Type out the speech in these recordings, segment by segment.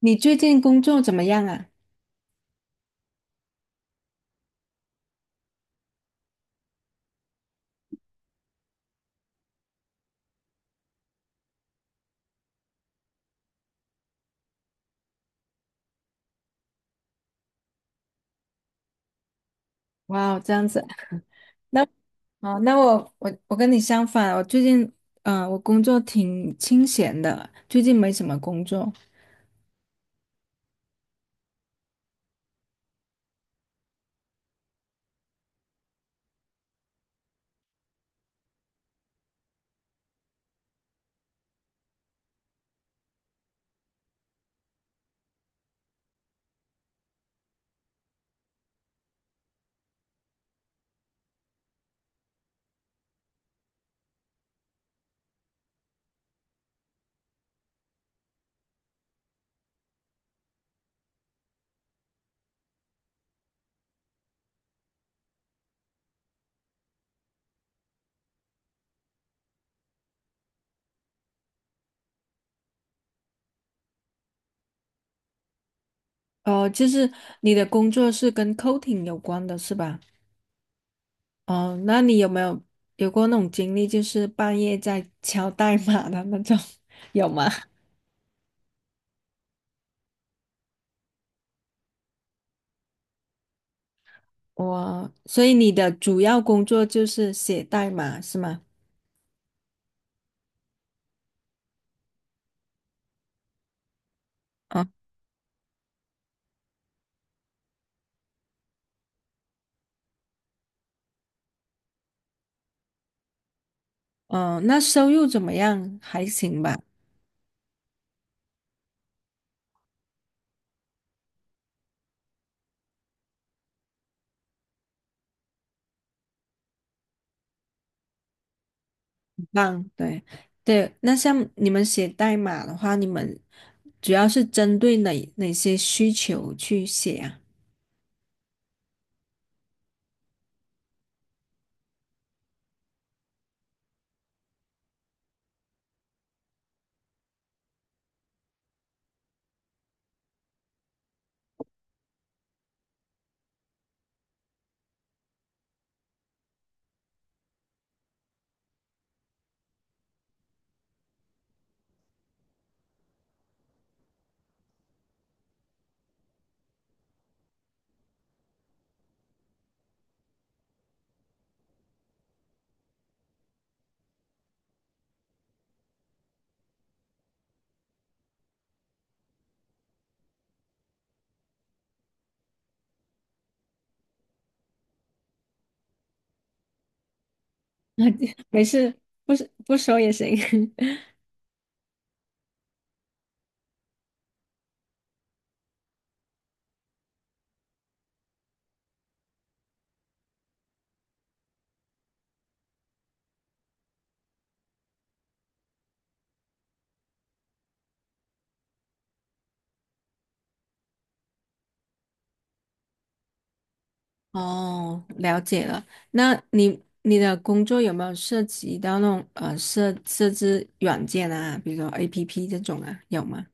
你最近工作怎么样啊？哇哦，这样子啊，那哦，那我跟你相反，我最近我工作挺清闲的，最近没什么工作。哦，就是你的工作是跟 coating 有关的是吧？哦，那你有没有有过那种经历，就是半夜在敲代码的那种，有吗？我，所以你的主要工作就是写代码是吗？啊，哦，那收入怎么样？还行吧。棒，对对。那像你们写代码的话，你们主要是针对哪些需求去写啊？没事，不是不说也行。哦，了解了。那你的工作有没有涉及到那种设置软件啊，比如说 APP 这种啊，有吗？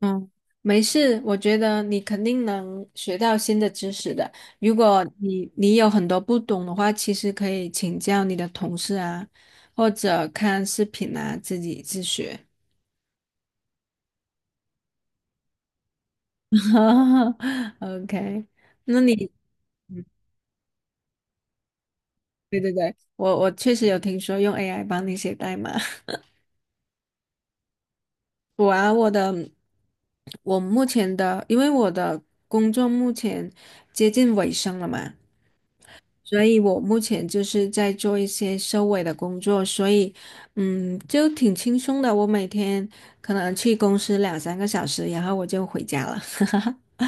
嗯，没事，我觉得你肯定能学到新的知识的。如果你有很多不懂的话，其实可以请教你的同事啊，或者看视频啊，自己自学。OK，那你，嗯对对对，我确实有听说用 AI 帮你写代码。我啊，我的，我目前的，因为我的工作目前接近尾声了嘛。所以我目前就是在做一些收尾的工作，所以嗯，就挺轻松的。我每天可能去公司两三个小时，然后我就回家了。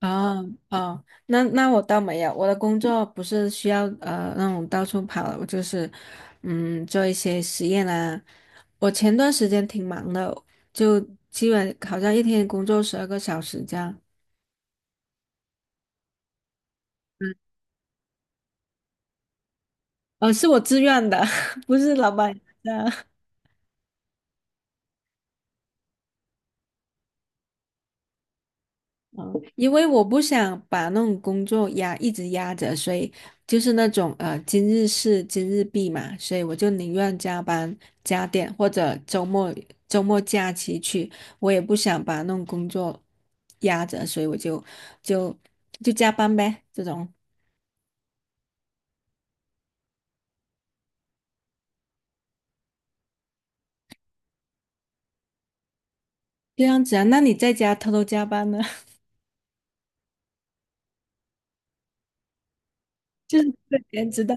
哦哦，那那我倒没有，我的工作不是需要那种到处跑的我就是嗯做一些实验啊。我前段时间挺忙的，就基本好像一天工作12个小时这样。呃，是我自愿的，不是老板的。因为我不想把那种工作压一直压着，所以就是那种今日事今日毕嘛，所以我就宁愿加班加点，或者周末周末假期去，我也不想把那种工作压着，所以我就就加班呗，这种这样子啊。那你在家偷偷加班呢？就是被别人知道。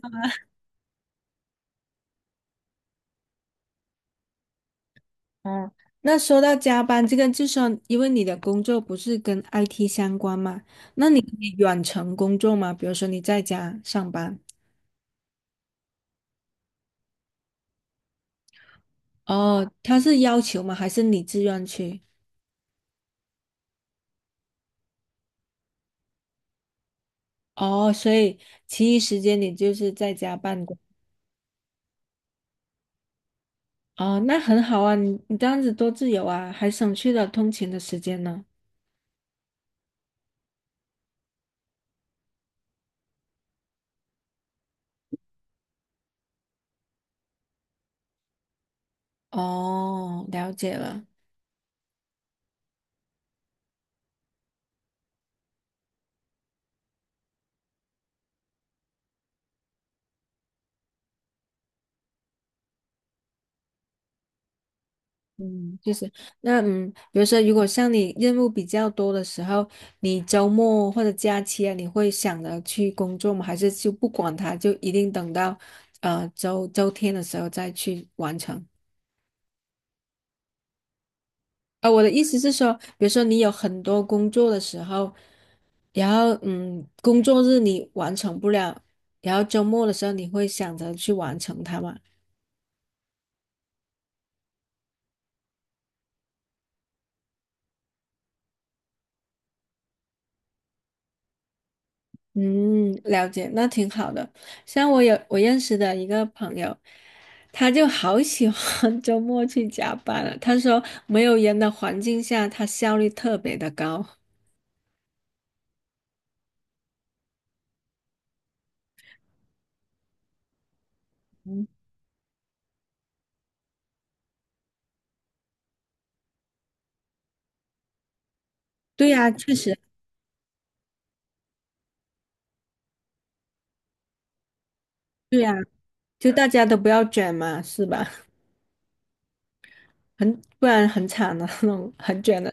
哦，那说到加班这个，就说因为你的工作不是跟 IT 相关嘛，那你可以远程工作吗？比如说你在家上班，哦，他是要求吗？还是你自愿去？哦，所以其余时间你就是在家办公。哦，那很好啊，你这样子多自由啊，还省去了通勤的时间呢。哦，了解了。嗯，就是那嗯，比如说，如果像你任务比较多的时候，你周末或者假期啊，你会想着去工作吗？还是就不管它，就一定等到周天的时候再去完成？啊，我的意思是说，比如说你有很多工作的时候，然后嗯，工作日你完成不了，然后周末的时候你会想着去完成它吗？嗯，了解，那挺好的。像我有我认识的一个朋友，他就好喜欢 周末去加班了。他说，没有人的环境下，他效率特别的高。嗯，对呀，确实，对呀，就大家都不要卷嘛，是吧？很，不然很惨的 那种，很卷的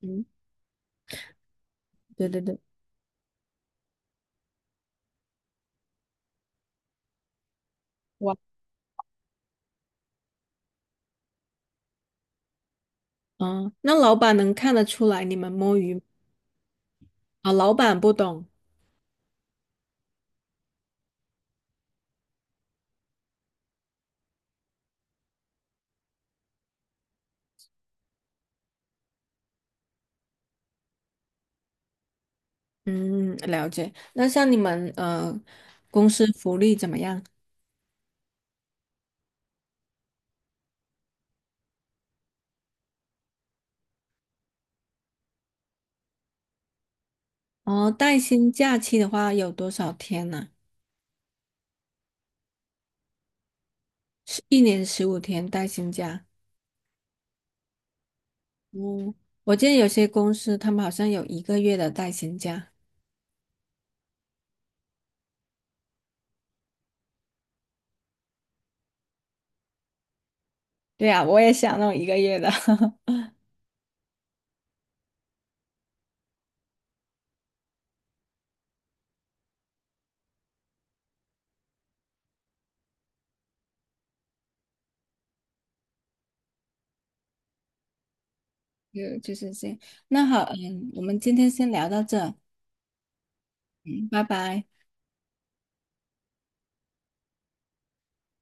嗯，对对对，哇，嗯，那老板能看得出来你们摸鱼吗？啊？老板不懂。嗯，了解。那像你们，公司福利怎么样？哦，带薪假期的话有多少天呢、是一年15天带薪假。嗯，我记得有些公司他们好像有一个月的带薪假。对啊，我也想弄一个月的，就就是这样。那好，嗯，我们今天先聊到这，嗯，拜拜。